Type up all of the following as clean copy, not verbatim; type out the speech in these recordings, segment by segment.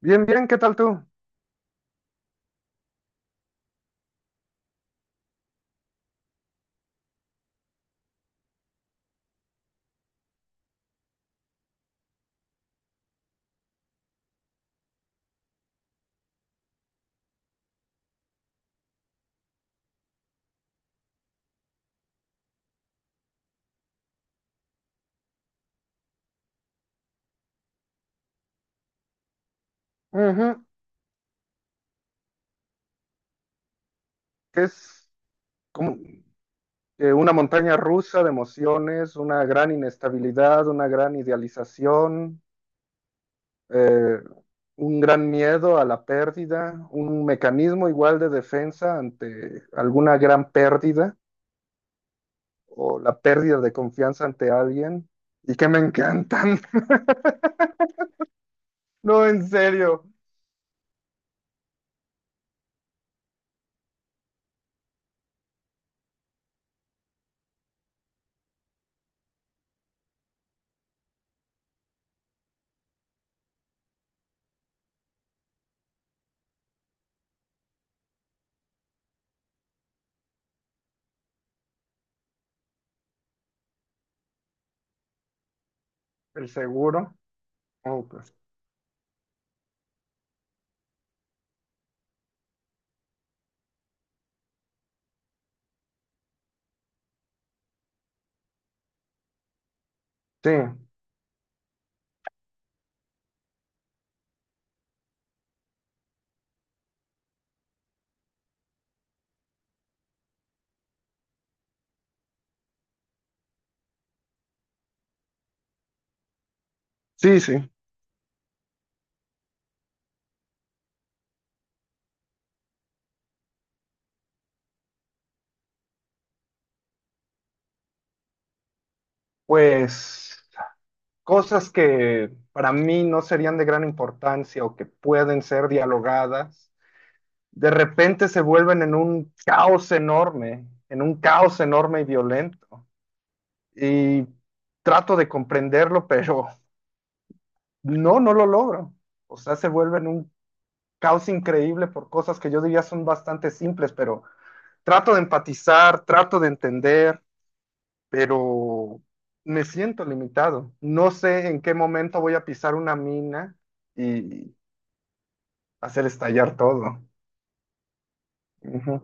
Bien, bien, ¿qué tal tú? Ujú, que Es como una montaña rusa de emociones, una gran inestabilidad, una gran idealización, eh, un gran miedo a la pérdida, un mecanismo igual de defensa ante alguna gran pérdida o la pérdida de confianza ante alguien. Y que me encantan. No, en serio. El seguro. Oh, pues, sí, sí, sí. Pues cosas que para mí no serían de gran importancia o que pueden ser dialogadas, de repente se vuelven en un caos enorme, en un caos enorme y violento. Y trato de comprenderlo, pero no, no lo logro. O sea, se vuelve en un caos increíble por cosas que yo diría son bastante simples, pero trato de empatizar, trato de entender, pero me siento limitado. No sé en qué momento voy a pisar una mina y hacer estallar todo. Ujú.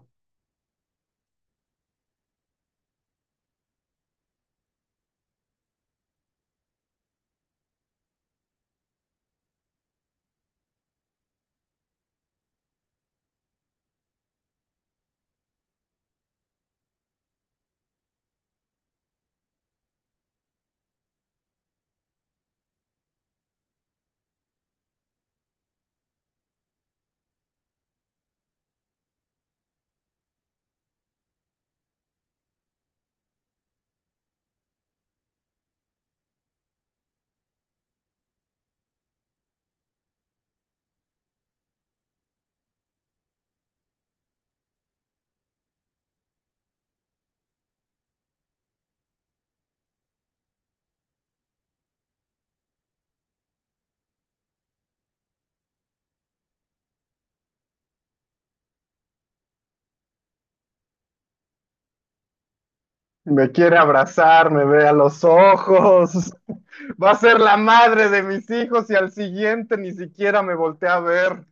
Me quiere abrazar, me ve a los ojos. Va a ser la madre de mis hijos y al siguiente ni siquiera me voltea a ver.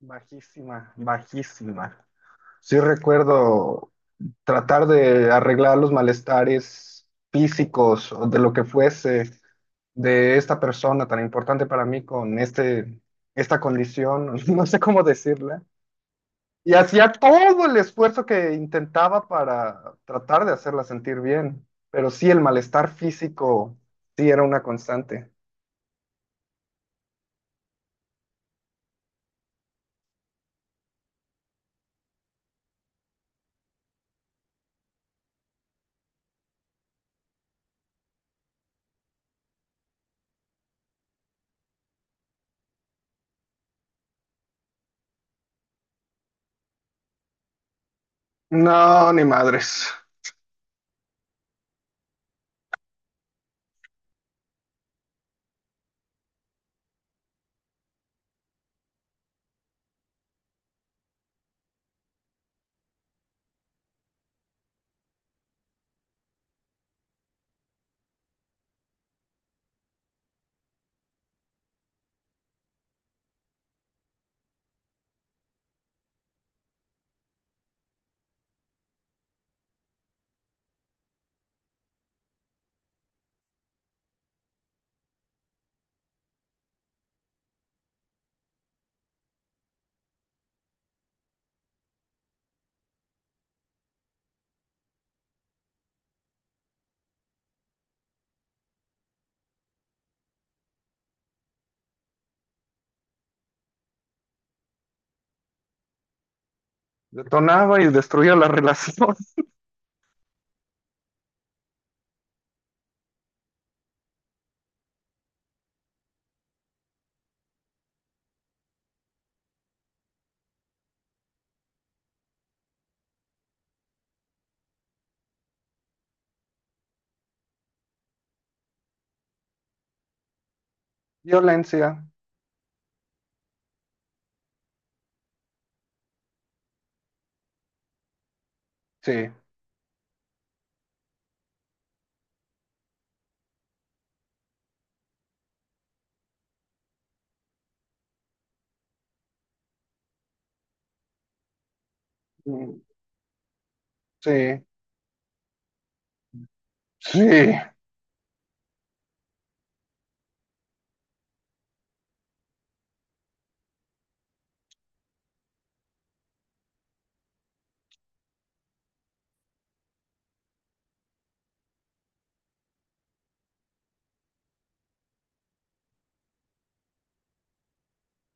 Bajísima, bajísima. Sí, recuerdo tratar de arreglar los malestares físicos o de lo que fuese de esta persona tan importante para mí con esta condición, no sé cómo decirla. Y hacía todo el esfuerzo que intentaba para tratar de hacerla sentir bien, pero sí, el malestar físico sí era una constante. No, ni madres. Detonaba y destruía la relación. Violencia, sí, mm, sí, sí.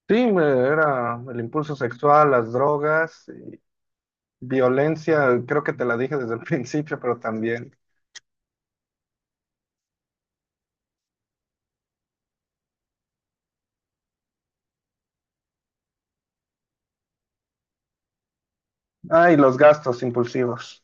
Sí, me- era el impulso sexual, las drogas, y violencia, creo que te la dije desde el principio, pero también. Ay, los gastos impulsivos.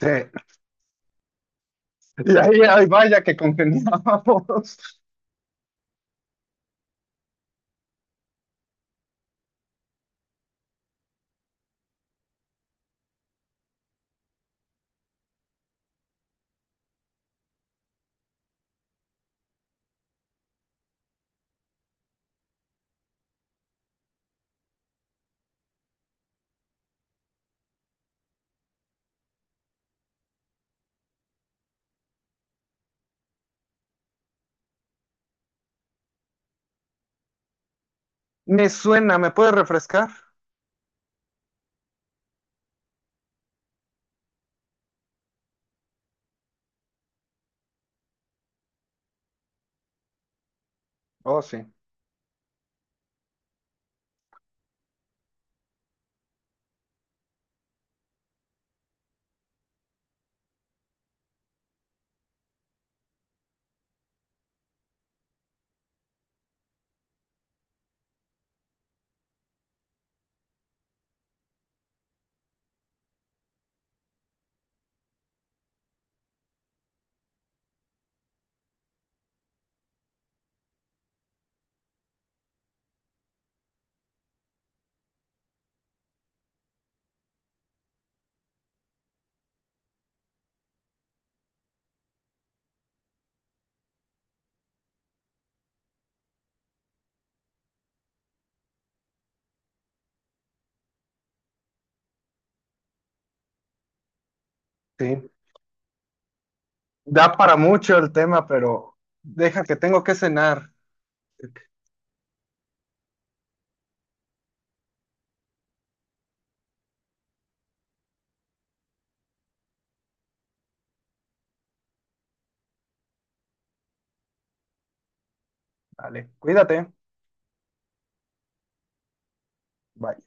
Sí. Y ahí, ay, vaya que congeniábamos. Me suena, ¿me puede refrescar? Oh, sí, sí. Da para mucho el tema, pero deja que tengo que cenar. Vale, cuídate. Bye.